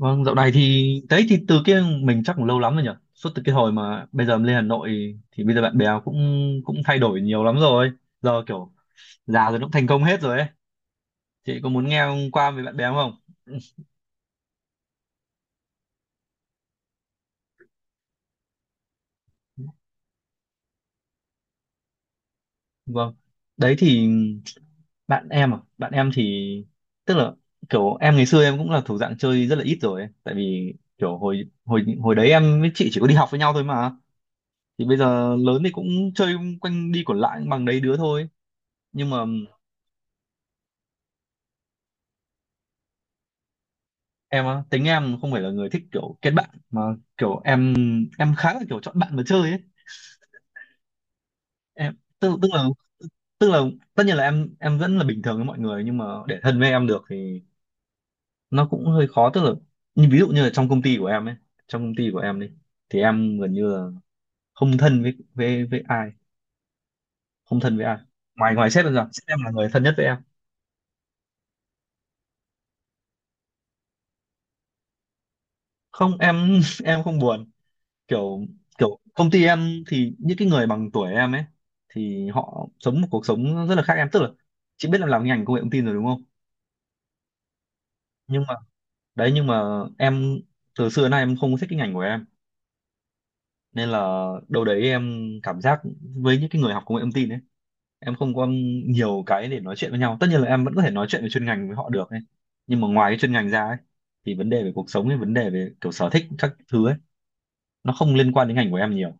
Vâng, dạo này thì đấy thì từ kia mình chắc cũng lâu lắm rồi nhỉ. Suốt từ cái hồi mà bây giờ lên Hà Nội thì bây giờ bạn bè cũng cũng thay đổi nhiều lắm rồi. Giờ kiểu già rồi nó cũng thành công hết rồi ấy. Chị có muốn nghe qua về bạn bè không? Vâng. Đấy thì bạn em à, bạn em thì tức là kiểu em ngày xưa em cũng là thuộc dạng chơi rất là ít rồi ấy. Tại vì kiểu hồi hồi hồi đấy em với chị chỉ có đi học với nhau thôi mà. Thì bây giờ lớn thì cũng chơi quanh đi quẩn lại bằng đấy đứa thôi. Nhưng mà em á, tính em không phải là người thích kiểu kết bạn, mà kiểu em khá là kiểu chọn bạn mà chơi ấy. Em tức tức là tất nhiên là em vẫn là bình thường với mọi người, nhưng mà để thân với em được thì nó cũng hơi khó. Tức là như ví dụ như là trong công ty của em ấy, trong công ty của em đi, thì em gần như là không thân với ai, không thân với ai ngoài ngoài sếp em ra, sếp em là người thân nhất với em. Không em, em không buồn. Kiểu kiểu công ty em thì những cái người bằng tuổi em ấy thì họ sống một cuộc sống rất là khác em. Tức là chị biết em làm ngành công nghệ thông tin rồi đúng không, nhưng mà đấy, nhưng mà em, từ xưa đến nay em không có thích cái ngành của em, nên là đâu đấy em cảm giác với những cái người học công nghệ thông tin ấy em không có nhiều cái để nói chuyện với nhau. Tất nhiên là em vẫn có thể nói chuyện về chuyên ngành với họ được ấy, nhưng mà ngoài cái chuyên ngành ra ấy, thì vấn đề về cuộc sống ấy, vấn đề về kiểu sở thích các thứ ấy, nó không liên quan đến ngành của em nhiều.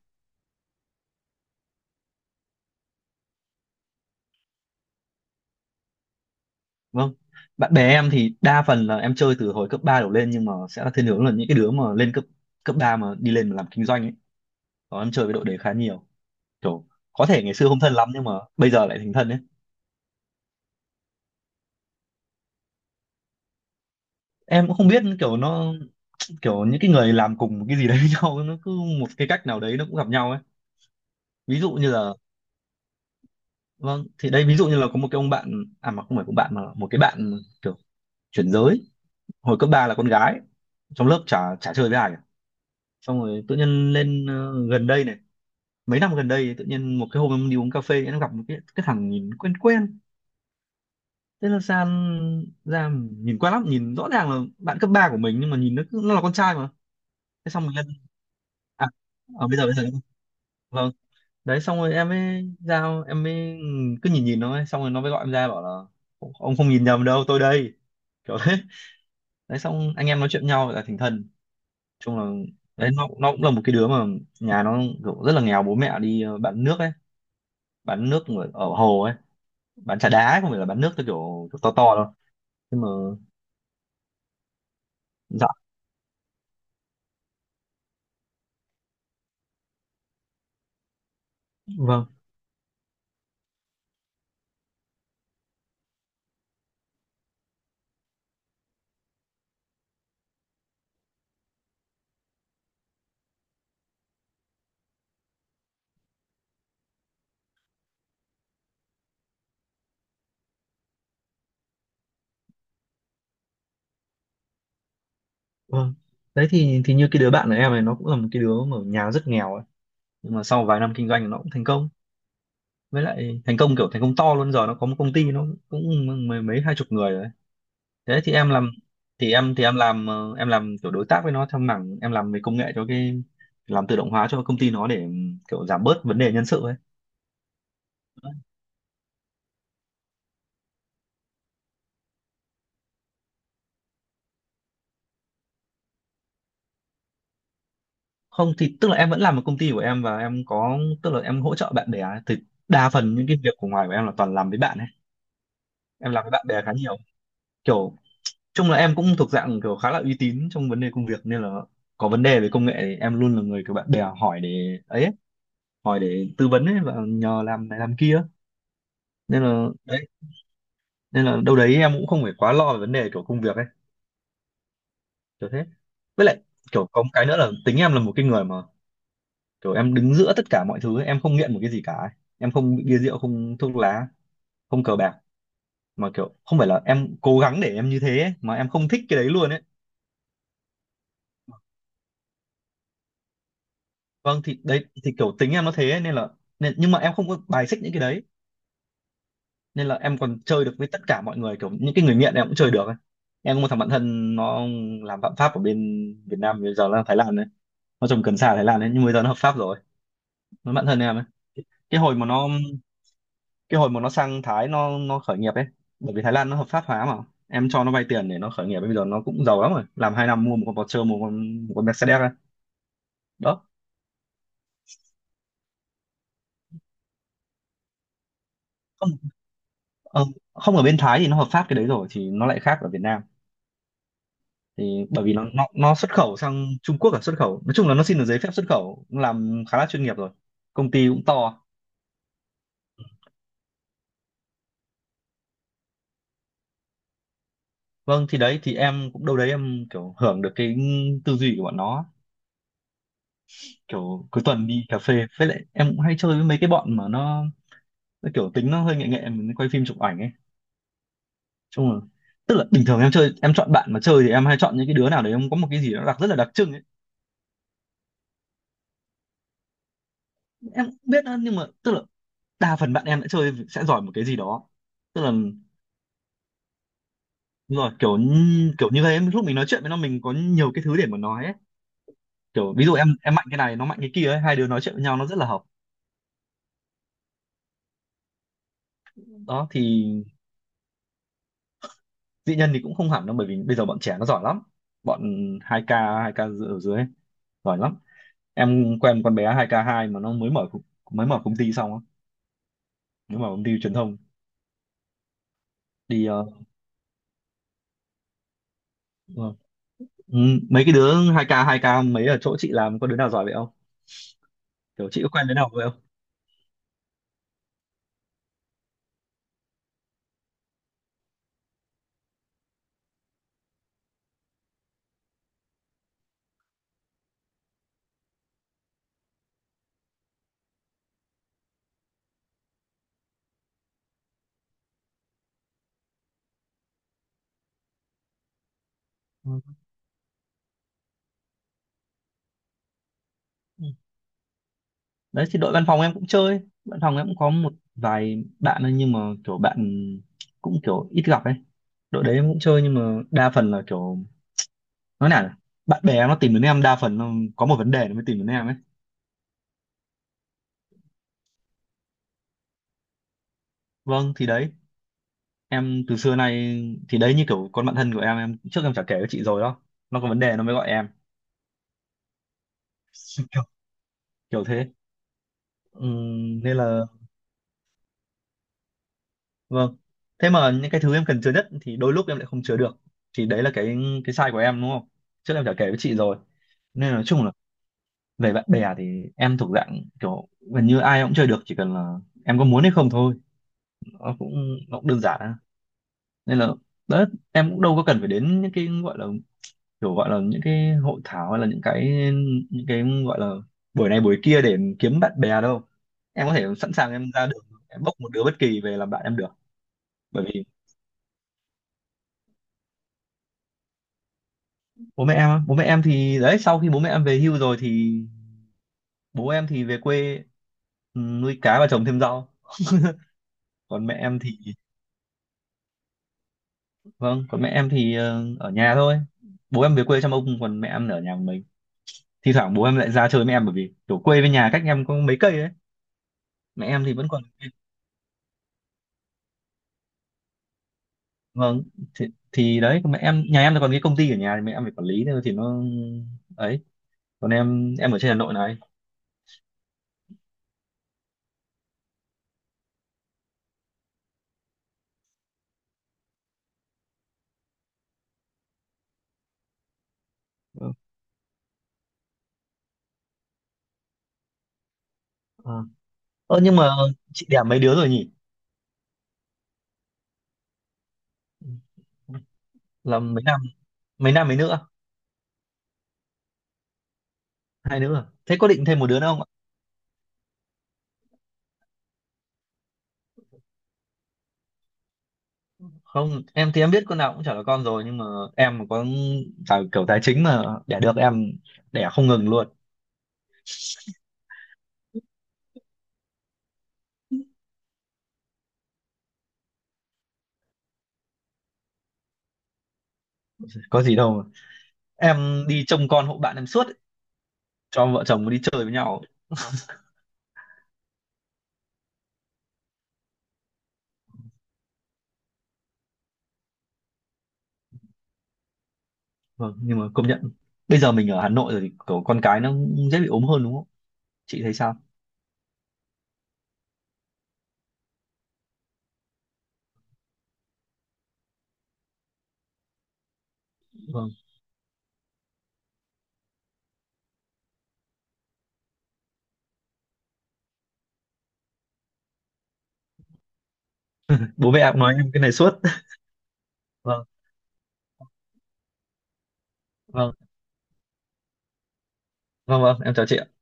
Vâng. Bạn bè em thì đa phần là em chơi từ hồi cấp 3 đổ lên, nhưng mà sẽ là thiên hướng là những cái đứa mà lên cấp cấp 3 mà đi lên mà làm kinh doanh ấy. Đó, em chơi với đội đấy khá nhiều. Kiểu có thể ngày xưa không thân lắm nhưng mà bây giờ lại thành thân ấy. Em cũng không biết kiểu nó, kiểu những cái người làm cùng cái gì đấy với nhau nó cứ một cái cách nào đấy nó cũng gặp nhau ấy. Ví dụ như là, vâng thì đây ví dụ như là có một cái ông bạn à, mà không phải ông bạn mà là một cái bạn kiểu chuyển giới. Hồi cấp 3 là con gái, trong lớp chả chả chơi với ai cả. Xong rồi tự nhiên lên ờ, gần đây này, mấy năm gần đây tự nhiên một cái hôm em đi uống cà phê em gặp một cái thằng nhìn quen quen, thế là san ra, nhìn quen lắm, nhìn rõ ràng là bạn cấp 3 của mình, nhưng mà nhìn nó nó là con trai mà. Thế xong mình lên à, bây giờ, vâng. Đấy, xong rồi em mới giao em mới cứ nhìn nhìn nó ấy. Xong rồi nó mới gọi em ra bảo là ông không nhìn nhầm đâu, tôi đây, kiểu thế. Đấy, xong anh em nói chuyện nhau là thành thân. Chung là đấy, nó cũng là một cái đứa mà nhà nó kiểu rất là nghèo, bố mẹ đi ờ, bán nước ấy, bán nước ở hồ ấy, bán trà đá, không phải là bán nước theo kiểu to to đâu. Nhưng mà dạ, vâng vâng. Đấy thì như cái đứa bạn của em này, nó cũng là một cái đứa mà ở nhà rất nghèo ấy, nhưng mà sau vài năm kinh doanh nó cũng thành công. Với lại thành công kiểu thành công to luôn, giờ nó có một công ty, nó cũng mấy, mấy 20 người rồi đấy. Thế thì em làm, thì em làm ờ, em làm kiểu đối tác với nó theo mảng, em làm về công nghệ cho cái, làm tự động hóa cho công ty nó để kiểu giảm bớt vấn đề nhân sự ấy. Không, thì tức là em vẫn làm ở công ty của em và em có, tức là em hỗ trợ bạn bè ấy. Thì đa phần những cái việc của ngoài của em là toàn làm với bạn ấy. Em làm với bạn bè khá nhiều, kiểu chung là em cũng thuộc dạng kiểu khá là uy tín trong vấn đề công việc, nên là có vấn đề về công nghệ thì em luôn là người kiểu bạn bè hỏi để ấy, ấy, hỏi để tư vấn ấy và nhờ làm này làm kia. Nên là đấy, nên là đâu đấy em cũng không phải quá lo về vấn đề kiểu công việc ấy, kiểu thế. Với lại kiểu có một cái nữa là tính em là một cái người mà kiểu em đứng giữa tất cả mọi thứ ấy. Em không nghiện một cái gì cả ấy. Em không bị bia rượu, không thuốc lá, không cờ bạc, mà kiểu không phải là em cố gắng để em như thế ấy, mà em không thích cái đấy luôn ấy. Vâng thì đấy thì kiểu tính em nó thế ấy, nhưng mà em không có bài xích những cái đấy, nên là em còn chơi được với tất cả mọi người, kiểu những cái người nghiện em cũng chơi được ấy. Em có một thằng bạn thân, nó làm phạm pháp ở bên Việt Nam, bây giờ là Thái Lan đấy, nó trồng cần sa ở Thái Lan đấy nhưng bây giờ nó hợp pháp rồi, nó bạn thân em ấy. cái hồi mà nó cái hồi mà nó sang Thái nó khởi nghiệp ấy, bởi vì Thái Lan nó hợp pháp hóa mà. Em cho nó vay tiền để nó khởi nghiệp, bây giờ nó cũng giàu lắm rồi, làm 2 năm mua một con Porsche, mua một con Mercedes ấy. Đó không, ờ, không, ở bên Thái thì nó hợp pháp cái đấy rồi thì nó lại khác ở Việt Nam. Thì bởi vì nó xuất khẩu sang Trung Quốc, là xuất khẩu, nói chung là nó xin được giấy phép xuất khẩu, cũng làm khá là chuyên nghiệp rồi, công ty cũng to. Vâng thì đấy thì em cũng đâu đấy em kiểu hưởng được cái tư duy của bọn nó. Kiểu cuối tuần đi cà phê, với lại em cũng hay chơi với mấy cái bọn mà nó kiểu tính nó hơi nghệ nghệ, mình quay phim chụp ảnh ấy. Chung là, tức là bình thường em chơi, em chọn bạn mà chơi thì em hay chọn những cái đứa nào đấy em có một cái gì nó đặc, rất là đặc trưng ấy. Em cũng biết đó, nhưng mà tức là đa phần bạn em đã chơi sẽ giỏi một cái gì đó. Tức là đúng rồi, kiểu như thế, lúc mình nói chuyện với nó mình có nhiều cái thứ để mà nói ấy. Kiểu ví dụ em mạnh cái này nó mạnh cái kia ấy, hai đứa nói chuyện với nhau nó rất là hợp. Đó thì dĩ nhân thì cũng không hẳn đâu, bởi vì bây giờ bọn trẻ nó giỏi lắm. Bọn hai k hai k ở dưới ấy, giỏi lắm. Em quen một con bé 2K2 mà nó mới mở công ty xong á, mới mở công ty truyền thông đi. Ờ, ờ, ừ, mấy cái đứa 2K mấy ở chỗ chị làm có đứa nào giỏi vậy không, kiểu chị có quen đứa nào vậy không? Ừ. Đấy thì đội văn phòng em cũng chơi, văn phòng em cũng có một vài bạn ấy, nhưng mà kiểu bạn cũng kiểu ít gặp ấy. Đội đấy em cũng chơi nhưng mà đa phần là kiểu, nói nào nhỉ? Bạn bè nó tìm đến em đa phần nó có một vấn đề nó mới tìm đến em ấy. Vâng thì đấy, em từ xưa nay, thì đấy như kiểu con bạn thân của em trước em chả kể với chị rồi đó, nó có vấn đề nó mới gọi em. kiểu, kiểu, thế. Nên là vâng, thế mà những cái thứ em cần chứa nhất thì đôi lúc em lại không chứa được, thì đấy là cái sai của em đúng không, trước em chả kể với chị rồi. Nên là nói chung là về bạn bè thì em thuộc dạng kiểu gần như ai cũng chơi được, chỉ cần là em có muốn hay không thôi. nó cũng nó cũng đơn giản á. Nên là đấy, em cũng đâu có cần phải đến những cái gọi là kiểu gọi là những cái hội thảo, hay là những cái gọi là buổi này buổi kia để kiếm bạn bè đâu. Em có thể sẵn sàng em ra đường em bốc một đứa bất kỳ về làm bạn em được. Bởi vì bố mẹ em thì đấy, sau khi bố mẹ em về hưu rồi thì bố em thì về quê, ừ, nuôi cá và trồng thêm rau. Còn mẹ em thì vâng, còn mẹ em thì ờ, ở nhà thôi. Bố em về quê chăm ông, còn mẹ em ở nhà một mình. Thi thoảng bố em lại ra chơi với em bởi vì kiểu quê với nhà cách em có mấy cây ấy. Mẹ em thì vẫn còn, vâng, thì, thì đấy còn mẹ em, nhà em thì còn cái công ty ở nhà thì mẹ em phải quản lý thôi, thì nó ấy. Còn em ở trên Hà Nội này. Ừ. Ờ. Ơ, nhưng mà chị đẻ mấy đứa rồi nhỉ? Là mấy nam, mấy nữ? À? Hai nữ. À? Thế có định thêm một đứa nữa không? Không, em thì em biết con nào cũng chả là con rồi, nhưng mà em mà có tài, kiểu tài chính mà đẻ được em đẻ không ngừng luôn. Có gì đâu mà. Em đi trông con hộ bạn em suốt ấy, cho vợ chồng đi chơi với nhau. Vâng nhưng mà công nhận, bây giờ mình ở Hà Nội rồi thì kiểu con cái nó cũng dễ bị ốm hơn đúng không, chị thấy sao? Vâng, bố mẹ em nói em cái này suốt. Vâng. Vâng, vâng, vâng, em chào chị ạ.